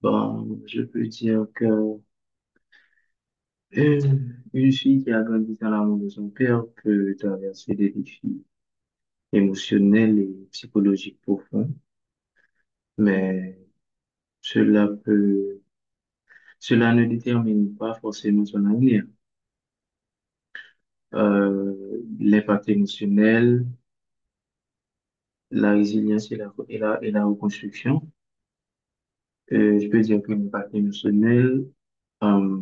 Bon, je peux dire que une fille qui a grandi dans l'amour de son père peut traverser des défis émotionnels et psychologiques profonds, mais cela peut, cela ne détermine pas forcément son avenir. Euh, L'impact émotionnel, la résilience et la reconstruction. Je peux dire que l'impact émotionnel, euh,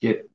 que-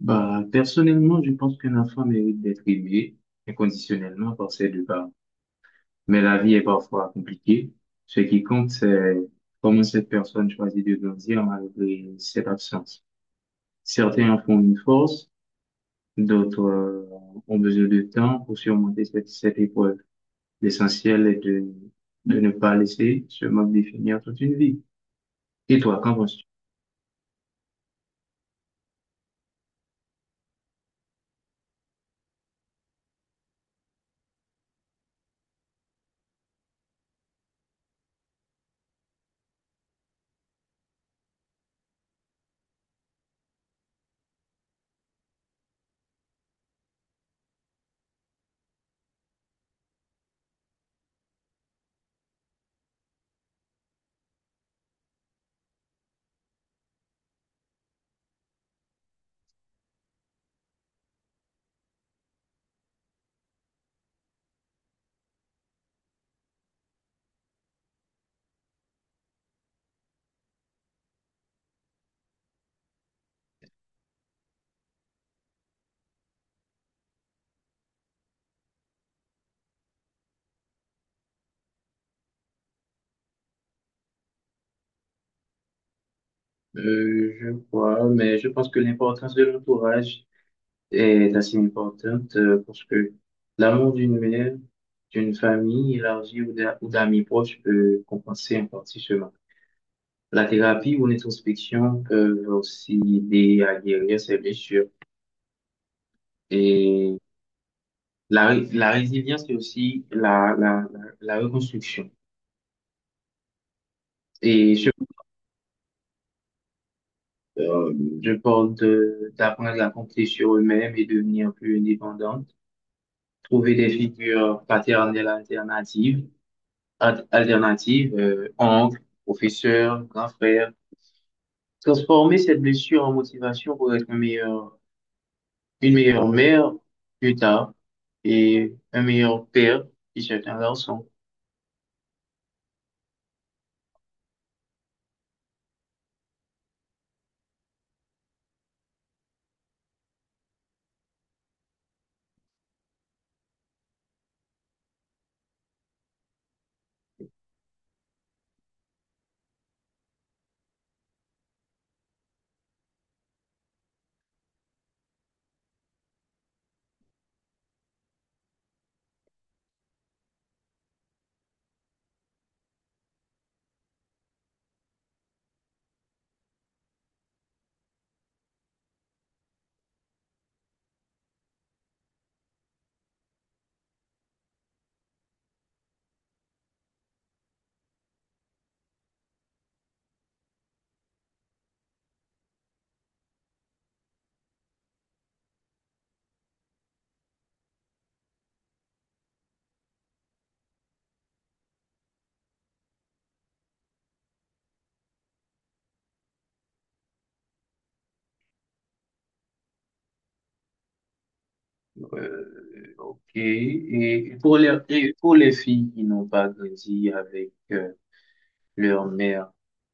bah, personnellement, je pense qu'un enfant mérite d'être aimé inconditionnellement par ses deux parents. Mais la vie est parfois compliquée. Ce qui compte, c'est comment cette personne choisit de grandir malgré cette absence. Certains en font une force, d'autres ont besoin de temps pour surmonter cette épreuve. L'essentiel est de ne pas laisser ce manque définir toute une vie. Et toi, qu'en penses-tu? Je crois, mais je pense que l'importance de l'entourage est assez importante parce que l'amour d'une mère, d'une famille élargie ou d'amis proches peut compenser en partie ce manque. La thérapie ou l'introspection peuvent aussi aider à guérir ces blessures. Et la résilience est aussi la reconstruction. Et je, euh, je parle d'apprendre à compter sur eux-mêmes et devenir plus indépendante, trouver des figures paternelles alternative, oncle, professeur, grand frère. Transformer cette blessure en motivation pour être une meilleure mère plus tard et un meilleur père si c'est un garçon. Ok. Et pour les filles qui n'ont pas grandi avec leur mère,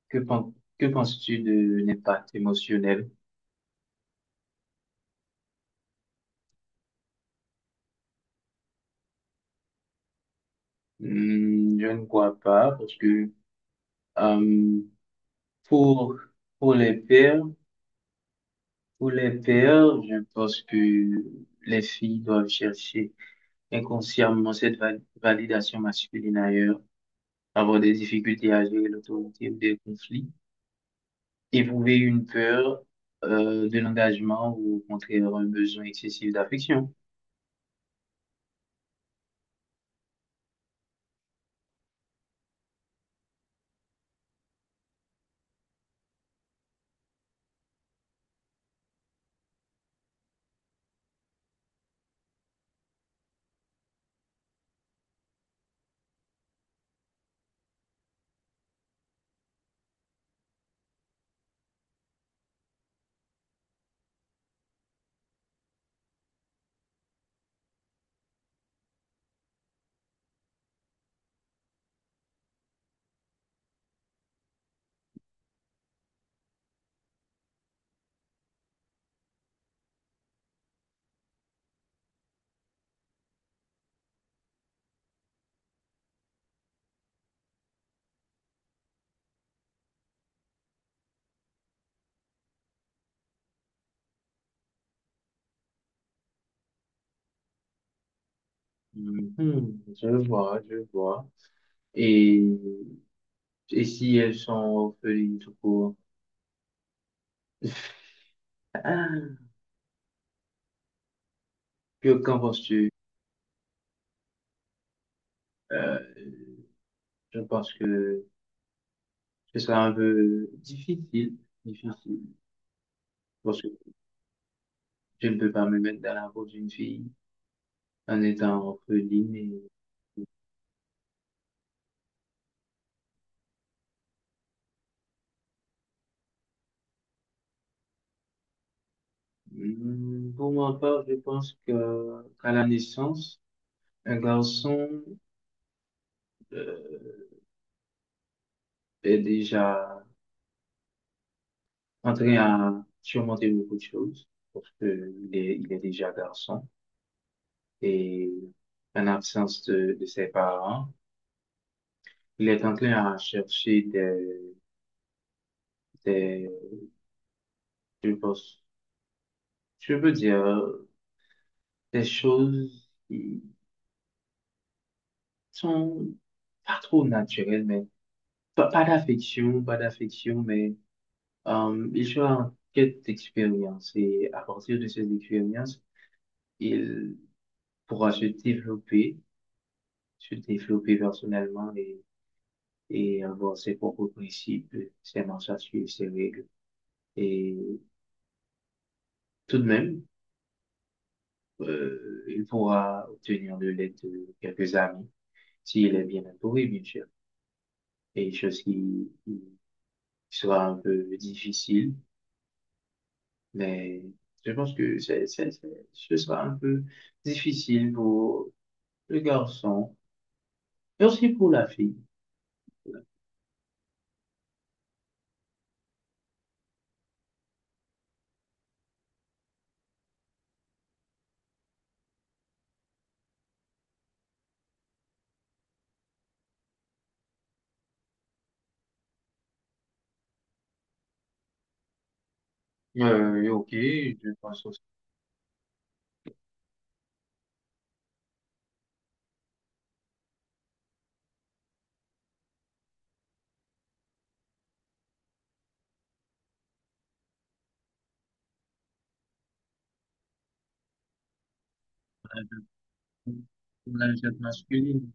que penses-tu de l'impact émotionnel? Hmm, je ne crois pas parce que euh, pour, pour les pères, pour les pères, je pense que les filles doivent chercher inconsciemment validation masculine ailleurs, avoir des difficultés à gérer l'autorité ou des conflits, éprouver une peur de l'engagement ou au contraire un besoin excessif d'affection. Mhm, je vois. Et, et si elles sont orphelines tout court? Ah, qu'en penses-tu? Euh, je pense que ce sera un peu difficile. Parce que je ne peux pas me mettre dans la peau d'une fille en étant orpheline. Et... Hmm, pour ma part, je pense que qu'à la naissance, un garçon euh, est déjà en train à surmonter beaucoup de choses parce que il est déjà garçon et en absence de ses parents, il est en train à chercher des, je pense, je veux dire, des choses qui sont pas trop naturelles, mais pas d'affection, pas d'affection, mais il sera en quête d'expérience et à partir de ces expériences, il pourra se développer personnellement et avoir ses propres principes, ses marches à suivre, ses règles. Et tout de même, il pourra obtenir de l'aide de quelques amis s'il est bien entouré, bien sûr. Et chose qui sera un peu difficile. Mais je pense que ce sera un peu difficile pour le garçon et aussi pour la fille. Et ok, je pense aussi à la pour la jeune masculine.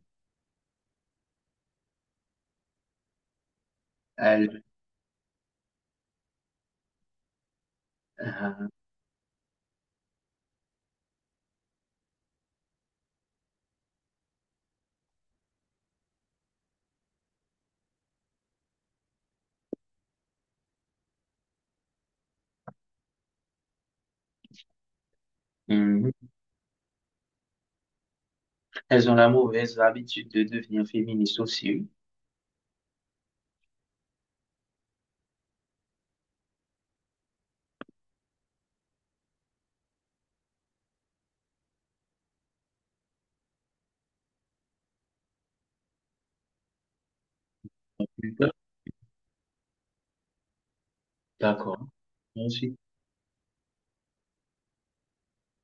Elles, euh, mhm. Elles ont la mauvaise habitude de devenir féministes aussi. D'accord. Merci.